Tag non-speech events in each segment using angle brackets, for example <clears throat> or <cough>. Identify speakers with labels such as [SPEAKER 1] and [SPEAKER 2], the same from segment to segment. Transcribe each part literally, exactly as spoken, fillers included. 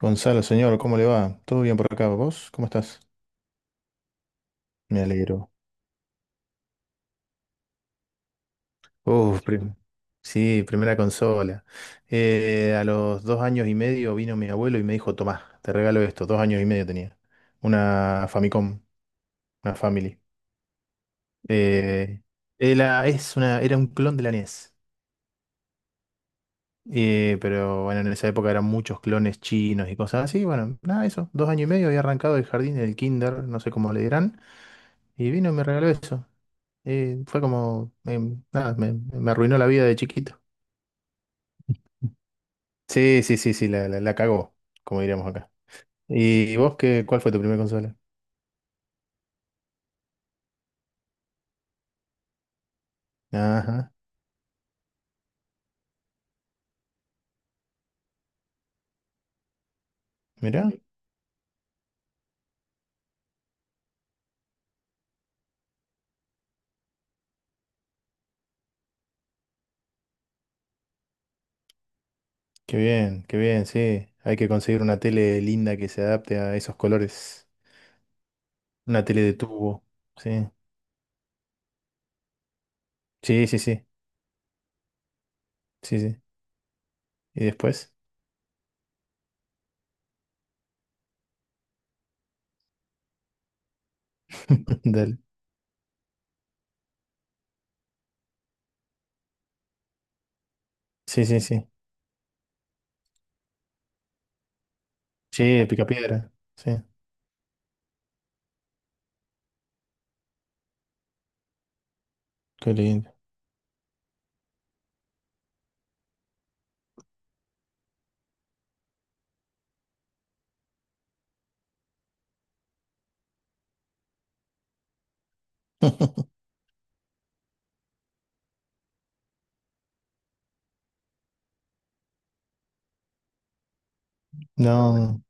[SPEAKER 1] Gonzalo, señor, ¿cómo le va? ¿Todo bien por acá? ¿Vos? ¿Cómo estás? Me alegro. Uf, prim- sí, primera consola. Eh, a los dos años y medio vino mi abuelo y me dijo, Tomá, te regalo esto. Dos años y medio tenía. Una Famicom, una Family. Eh, era, es una, era un clon de la N E S. Eh, pero bueno, en esa época eran muchos clones chinos y cosas así. Bueno, nada, eso. Dos años y medio había arrancado el jardín, el kinder, no sé cómo le dirán. Y vino y me regaló eso. Eh, fue como, em, nada, me, me arruinó la vida de chiquito. Sí, sí, sí, sí, la, la, la cagó, como diríamos acá. ¿Y vos qué, cuál fue tu primera consola? Ajá, mirá, qué bien, qué bien, sí. Hay que conseguir una tele linda que se adapte a esos colores. Una tele de tubo, sí. Sí, sí, sí, sí, sí. ¿Y después? <laughs> Dale. Sí, sí, sí. Sí, el picapiedra, sí. Qué lindo. <laughs> No,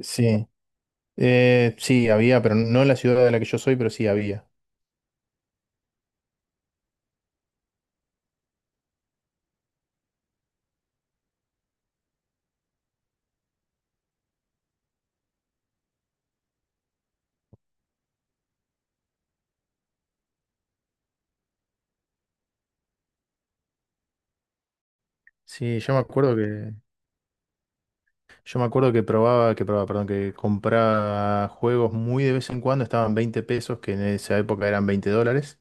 [SPEAKER 1] sí. Eh, sí, había, pero no en la ciudad de la que yo soy, pero sí había. Sí, yo me acuerdo que, yo me acuerdo que probaba, que probaba, perdón, que compraba juegos muy de vez en cuando, estaban veinte pesos, que en esa época eran veinte dólares,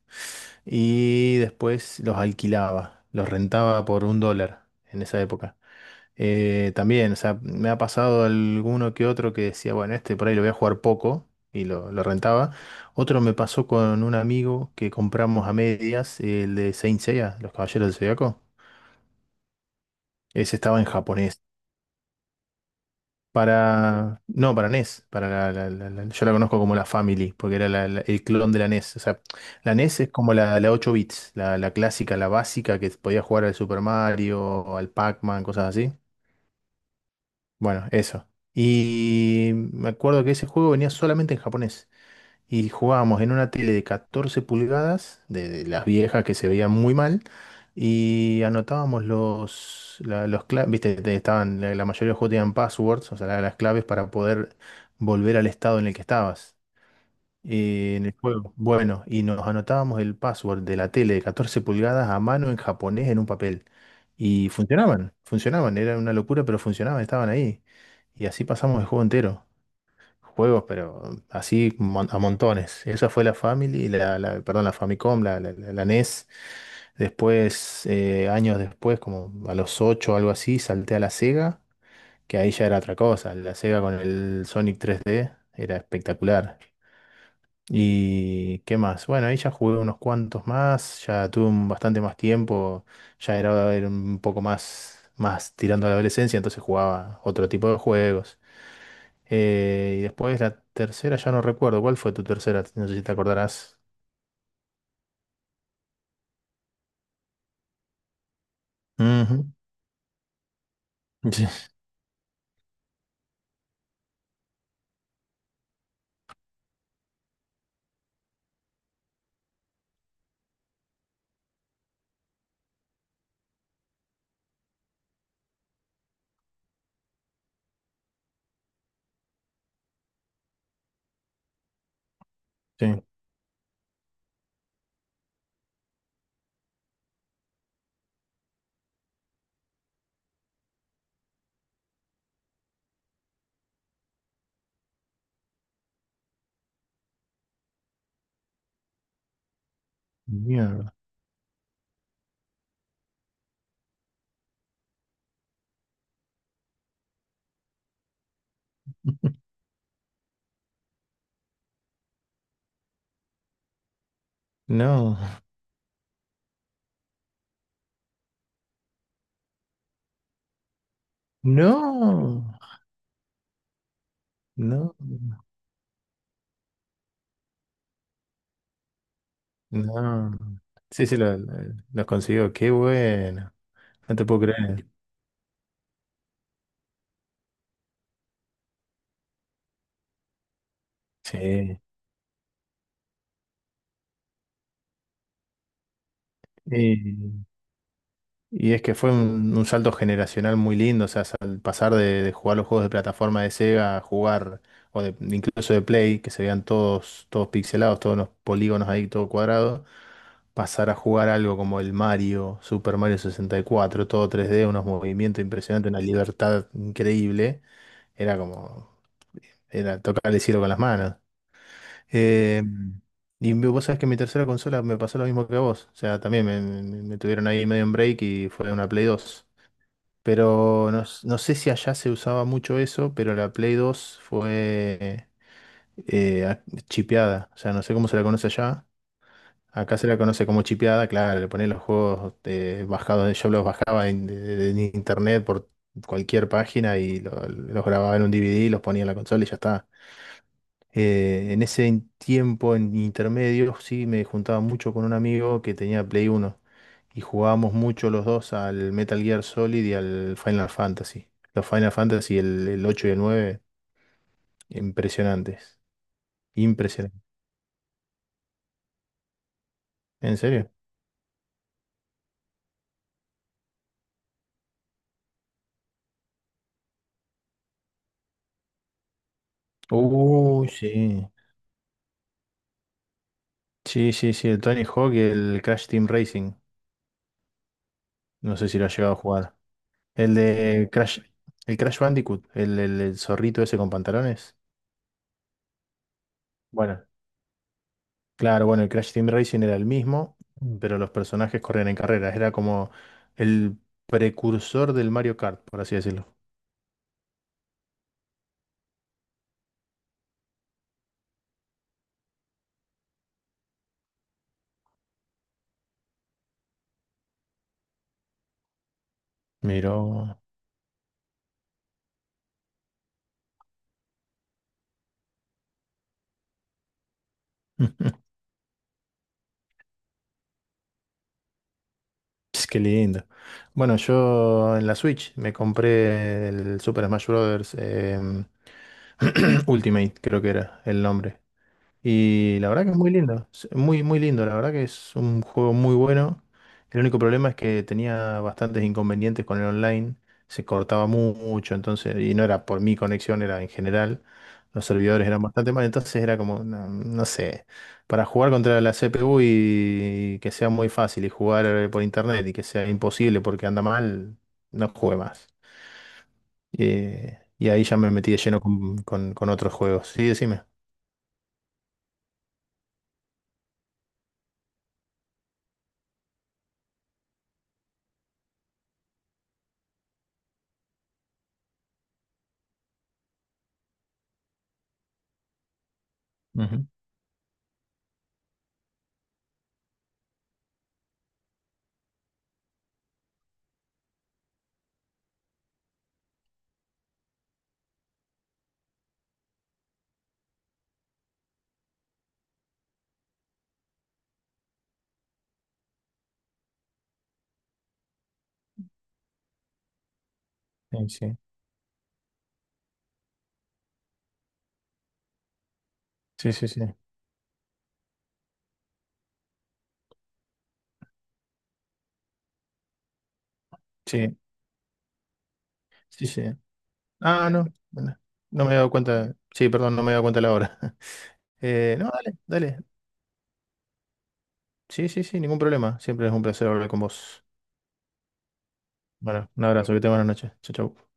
[SPEAKER 1] y después los alquilaba, los rentaba por un dólar en esa época. Eh, también, o sea, me ha pasado alguno que otro que decía, bueno, este por ahí lo voy a jugar poco, y lo, lo rentaba. Otro me pasó con un amigo que compramos a medias, el de Saint Seiya, Los Caballeros del Zodiaco. Ese estaba en japonés. Para. No, para N E S. Para la, la- la- la- yo la conozco como la Family, porque era la- la- el clon de la N E S. O sea, la N E S es como la, la ocho bits, la, la clásica, la básica que podía jugar al Super Mario, al Pac-Man, cosas así. Bueno, eso. Y me acuerdo que ese juego venía solamente en japonés. Y jugábamos en una tele de catorce pulgadas, de, de las viejas que se veían muy mal, y anotábamos los, la- los cla- viste, te- estaban, la, la mayoría de los juegos tenían passwords, o sea, la- las claves para poder volver al estado en el que estabas. eh, en el juego. Bueno, y nos anotábamos el password de la tele de catorce pulgadas a mano en japonés en un papel. Y funcionaban, funcionaban, era una locura, pero funcionaban, estaban ahí. Y así pasamos el juego entero. Juegos, pero así mon- a montones. Esa fue la Family, la, la- perdón, la Famicom, la, la, la- la N E S. Después, eh, años después, como a los ocho o algo así, salté a la Sega, que ahí ya era otra cosa. La Sega con el Sonic tres D era espectacular. ¿Y qué más? Bueno, ahí ya jugué unos cuantos más, ya tuve un- bastante más tiempo, ya era, era un poco más, más tirando a la adolescencia, entonces jugaba otro tipo de juegos. Eh, y después la tercera, ya no recuerdo. ¿Cuál fue tu tercera? No sé si te acordarás. Ujú. <laughs> Sí, sí. Mierda. No. No. No. No. Sí, sí, lo, lo- lo consiguió. Qué bueno. No te puedo creer. Sí. Sí. Y es que fue un, un salto generacional muy lindo, o sea, al pasar de, de jugar los juegos de plataforma de Sega a jugar, o de, incluso de Play, que se veían todos, todos pixelados, todos los polígonos ahí, todo cuadrado, pasar a jugar algo como el Mario, Super Mario sesenta y cuatro, todo tres d unos movimientos impresionantes, una libertad increíble, era como, era tocar el cielo con las manos. Eh, y mi- vos sabés que mi tercera consola me pasó lo mismo que a vos, o sea, también me, me me tuvieron ahí medio en break y fue una Play dos. Pero no, s- no sé si allá se usaba mucho eso, pero la Play dos fue eh, a- chipeada. O sea, no sé cómo se la conoce allá. Acá se la conoce como chipeada, claro, le ponen los juegos eh, bajados, yo los bajaba en, de- de- en internet por cualquier página y lo- los grababa en un D V D, los ponía en la consola y ya está. Eh, en ese in- tiempo, en intermedio, sí me juntaba mucho con un amigo que tenía Play uno y jugábamos mucho los dos al Metal Gear Solid y al Final Fantasy. Los Final Fantasy, el, el ocho y el nueve, impresionantes. Impresionantes. ¿En serio? Uy, sí. Sí, sí, sí, el Tony Hawk y el Crash Team Racing. No sé si lo has llegado a jugar. El de Crash, el Crash Bandicoot, el, el el zorrito ese con pantalones. Bueno, claro, bueno, el Crash Team Racing era el mismo, mm, pero los personajes corrían en carreras. Era como el precursor del Mario Kart, por así decirlo. Miró. <laughs> Ps, qué lindo. Bueno, yo en la Switch me compré el Super Smash Bros. em, <clears throat> Ultimate, creo que era el nombre. Y la verdad que es muy lindo, es muy, muy lindo, la verdad que es un juego muy bueno. El único problema es que tenía bastantes inconvenientes con el online, se cortaba mu- mucho, entonces, y no era por mi conexión, era en general, los servidores eran bastante mal, entonces era como, no, no sé, para jugar contra la C P U y, que sea muy fácil y jugar eh, por internet y que sea imposible porque anda mal, no jugué más. Eh, y ahí ya me metí de lleno con, con, con otros juegos. Sí, decime. Ujú. Sí, sí, sí, sí, sí. Sí, sí, sí. Ah, no, bueno, no me he dado cuenta. Sí, perdón, no me he dado cuenta de la hora. <laughs> Eh, no, dale, dale. Sí, sí, sí, ningún problema. Siempre es un placer hablar con vos. Bueno, un abrazo, que te buenas noches. Chau, chau.